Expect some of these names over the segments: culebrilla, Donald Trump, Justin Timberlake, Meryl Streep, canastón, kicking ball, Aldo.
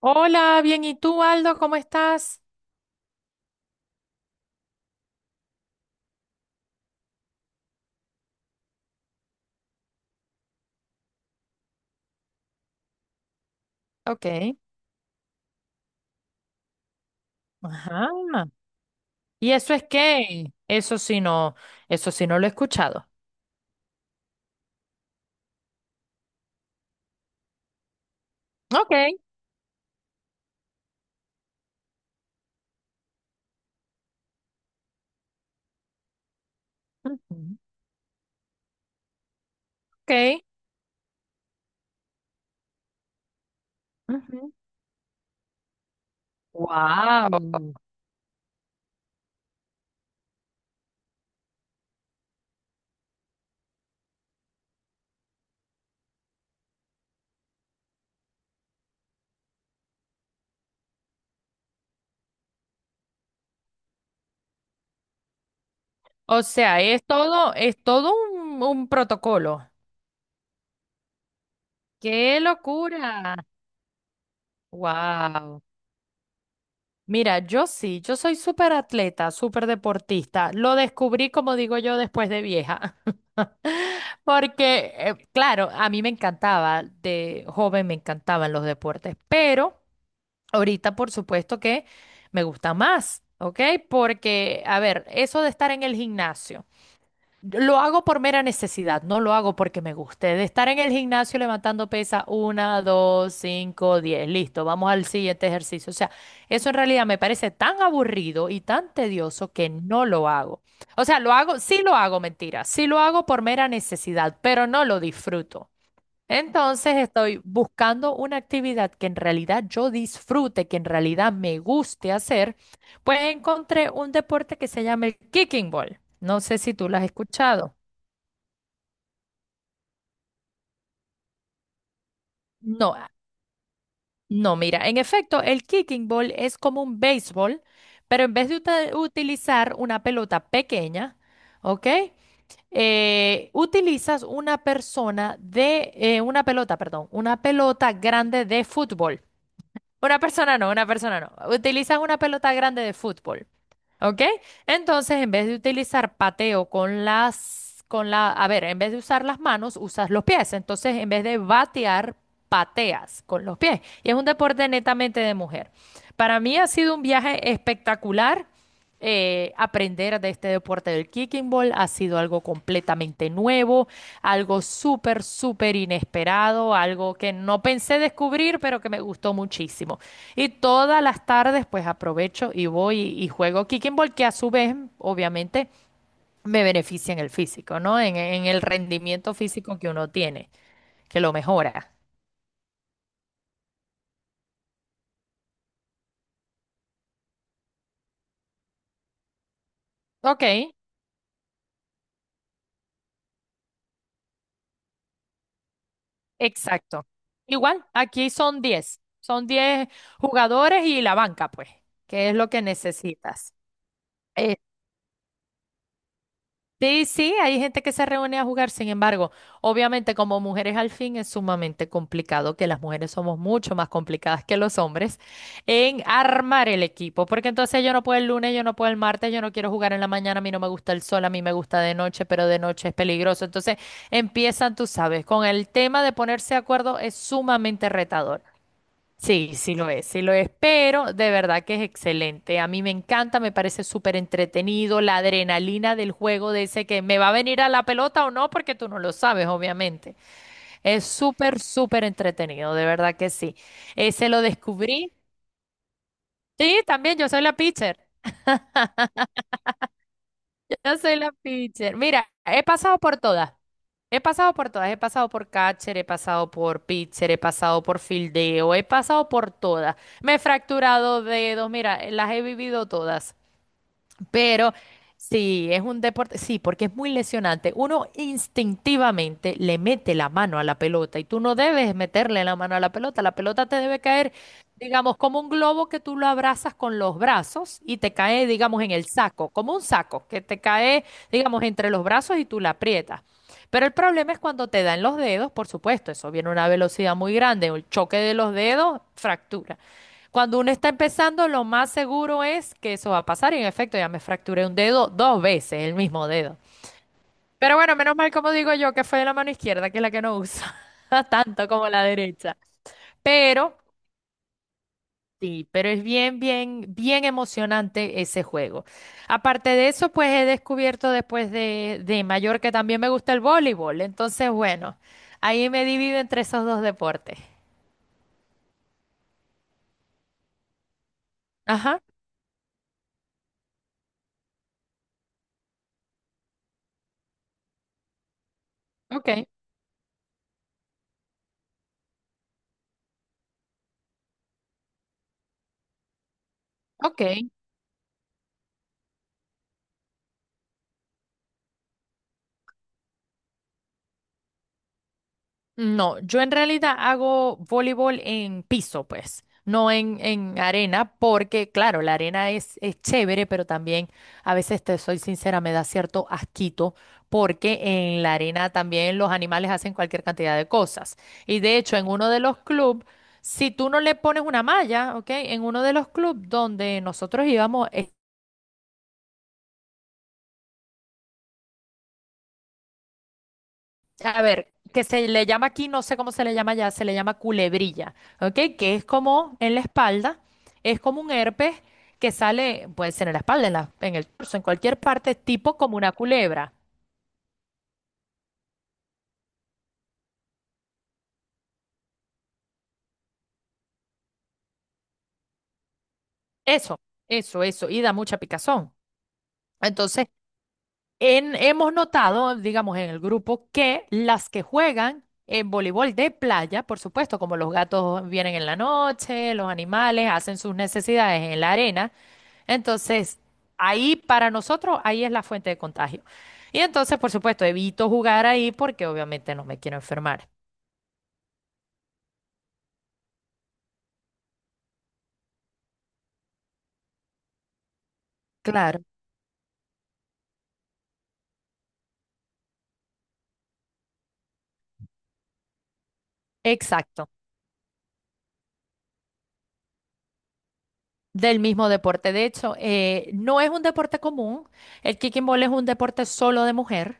Hola, bien, ¿y tú, Aldo? ¿Cómo estás? Ok. Ajá. ¿Y eso es qué? Eso sí no lo he escuchado. Ok. Ujú, ok. Wow. O sea, es todo un protocolo. ¡Qué locura! Wow. Mira, yo sí, yo soy súper atleta, súper deportista. Lo descubrí, como digo yo, después de vieja. Porque, claro, a mí me encantaba, de joven me encantaban los deportes, pero ahorita por supuesto que me gusta más, ¿ok? Porque, a ver, eso de estar en el gimnasio. Lo hago por mera necesidad, no lo hago porque me guste. De estar en el gimnasio levantando pesa, una, dos, cinco, 10, listo, vamos al siguiente ejercicio. O sea, eso en realidad me parece tan aburrido y tan tedioso que no lo hago. O sea, lo hago, sí lo hago, mentira, sí lo hago por mera necesidad, pero no lo disfruto. Entonces estoy buscando una actividad que en realidad yo disfrute, que en realidad me guste hacer, pues encontré un deporte que se llama el kicking ball. No sé si tú lo has escuchado. No, no, mira, en efecto, el kicking ball es como un béisbol, pero en vez de utilizar una pelota pequeña, ¿ok? Utilizas una persona de, una pelota, perdón, una pelota grande de fútbol. Una persona no, una persona no. Utilizas una pelota grande de fútbol, ¿ok? Entonces, en vez de utilizar pateo con la, a ver, en vez de usar las manos, usas los pies. Entonces, en vez de batear, pateas con los pies. Y es un deporte netamente de mujer. Para mí ha sido un viaje espectacular. Aprender de este deporte del kicking ball ha sido algo completamente nuevo, algo súper, súper inesperado, algo que no pensé descubrir, pero que me gustó muchísimo. Y todas las tardes, pues aprovecho y voy y juego kicking ball, que a su vez, obviamente, me beneficia en el físico, ¿no? En el rendimiento físico que uno tiene, que lo mejora. Ok, exacto. Igual, aquí son diez jugadores y la banca, pues, que es lo que necesitas. Sí, sí, hay gente que se reúne a jugar, sin embargo, obviamente como mujeres al fin es sumamente complicado, que las mujeres somos mucho más complicadas que los hombres en armar el equipo, porque entonces yo no puedo el lunes, yo no puedo el martes, yo no quiero jugar en la mañana, a mí no me gusta el sol, a mí me gusta de noche, pero de noche es peligroso. Entonces empiezan, tú sabes, con el tema de ponerse de acuerdo es sumamente retador. Sí, sí lo es, pero de verdad que es excelente. A mí me encanta, me parece súper entretenido la adrenalina del juego de ese que me va a venir a la pelota o no, porque tú no lo sabes, obviamente. Es súper, súper entretenido, de verdad que sí. Ese lo descubrí. Sí, también yo soy la pitcher. Yo soy la pitcher. Mira, he pasado por todas. He pasado por todas. He pasado por catcher, he pasado por pitcher, he pasado por fildeo, he pasado por todas. Me he fracturado dedos. Mira, las he vivido todas. Pero sí, es un deporte, sí, porque es muy lesionante. Uno instintivamente le mete la mano a la pelota y tú no debes meterle la mano a la pelota. La pelota te debe caer, digamos, como un globo que tú lo abrazas con los brazos y te cae, digamos, en el saco, como un saco que te cae, digamos, entre los brazos y tú la aprietas. Pero el problema es cuando te dan los dedos, por supuesto, eso viene a una velocidad muy grande, el choque de los dedos, fractura. Cuando uno está empezando, lo más seguro es que eso va a pasar. Y en efecto, ya me fracturé un dedo 2 veces, el mismo dedo. Pero bueno, menos mal, como digo yo, que fue la mano izquierda, que es la que no usa tanto como la derecha. Pero sí, pero es bien, bien, bien emocionante ese juego. Aparte de eso, pues he descubierto después de mayor que también me gusta el voleibol. Entonces, bueno, ahí me divido entre esos dos deportes. Ajá, ok, ok. No, yo en realidad hago voleibol en piso, pues, no en, en arena, porque claro, la arena es chévere, pero también a veces, te soy sincera, me da cierto asquito, porque en la arena también los animales hacen cualquier cantidad de cosas. Y de hecho, en uno de los clubes, si tú no le pones una malla, ¿ok? En uno de los clubes donde nosotros íbamos, a ver, que se le llama aquí, no sé cómo se le llama ya, se le llama culebrilla, ¿ok? Que es como en la espalda, es como un herpes que sale, puede ser en la espalda, en el torso, en cualquier parte, tipo como una culebra. Eso, eso, y da mucha picazón. Entonces, hemos notado, digamos, en el grupo, que las que juegan en voleibol de playa, por supuesto, como los gatos vienen en la noche, los animales hacen sus necesidades en la arena. Entonces, ahí para nosotros, ahí es la fuente de contagio. Y entonces, por supuesto, evito jugar ahí porque obviamente no me quiero enfermar. Claro. Exacto, del mismo deporte. De hecho, no es un deporte común. El kicking ball es un deporte solo de mujer.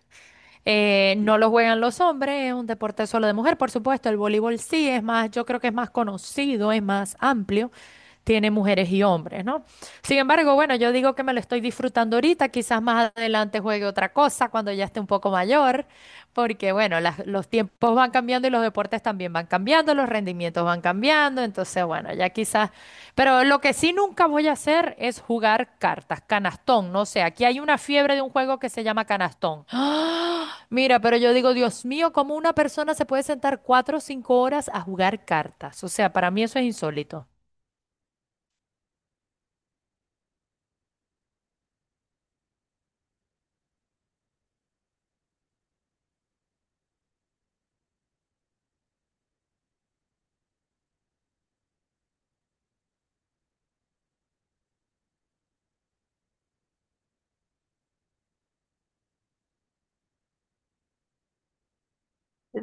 No lo juegan los hombres, es un deporte solo de mujer, por supuesto. El voleibol sí es más, yo creo que es más conocido, es más amplio, tiene mujeres y hombres, ¿no? Sin embargo, bueno, yo digo que me lo estoy disfrutando ahorita, quizás más adelante juegue otra cosa cuando ya esté un poco mayor, porque bueno, los tiempos van cambiando y los deportes también van cambiando, los rendimientos van cambiando, entonces bueno, ya quizás, pero lo que sí nunca voy a hacer es jugar cartas, canastón, no sé, aquí hay una fiebre de un juego que se llama canastón. ¡Ah! Mira, pero yo digo, Dios mío, ¿cómo una persona se puede sentar 4 o 5 horas a jugar cartas? O sea, para mí eso es insólito.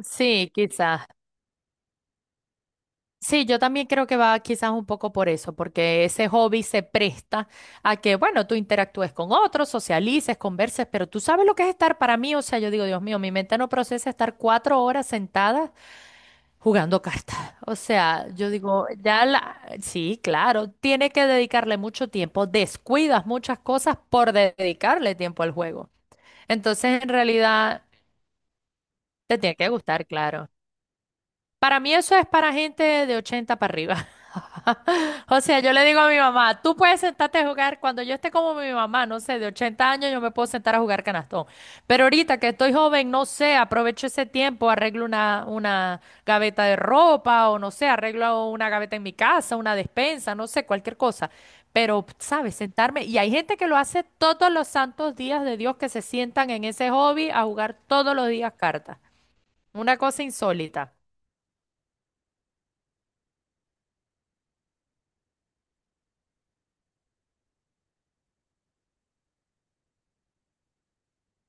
Sí, quizás. Sí, yo también creo que va quizás un poco por eso, porque ese hobby se presta a que, bueno, tú interactúes con otros, socialices, converses, pero tú sabes lo que es estar para mí, o sea, yo digo, Dios mío, mi mente no procesa estar 4 horas sentada jugando cartas. O sea, yo digo, ya la, sí, claro, tiene que dedicarle mucho tiempo, descuidas muchas cosas por dedicarle tiempo al juego. Entonces, en realidad, te tiene que gustar, claro. Para mí eso es para gente de 80 para arriba. O sea, yo le digo a mi mamá, tú puedes sentarte a jugar, cuando yo esté como mi mamá, no sé, de 80 años yo me puedo sentar a jugar canastón. Pero ahorita que estoy joven, no sé, aprovecho ese tiempo, arreglo una gaveta de ropa o no sé, arreglo una gaveta en mi casa, una despensa, no sé, cualquier cosa. Pero, ¿sabes? Sentarme. Y hay gente que lo hace todos los santos días de Dios, que se sientan en ese hobby a jugar todos los días cartas. Una cosa insólita.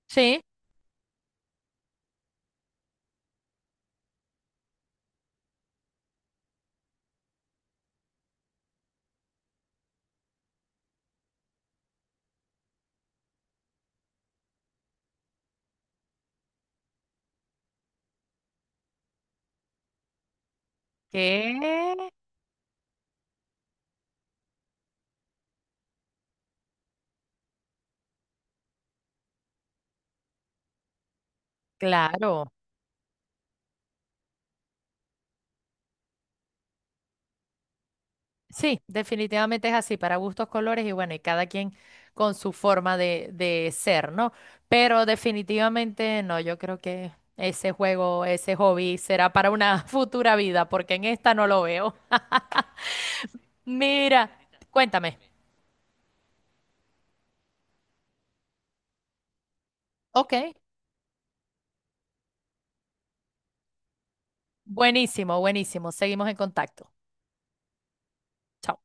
Sí. ¿Qué? Claro. Sí, definitivamente es así, para gustos, colores y bueno, y cada quien con su forma de ser, ¿no? Pero definitivamente no, yo creo que ese juego, ese hobby será para una futura vida, porque en esta no lo veo. Mira, cuéntame. Ok, buenísimo, buenísimo. Seguimos en contacto. Chao.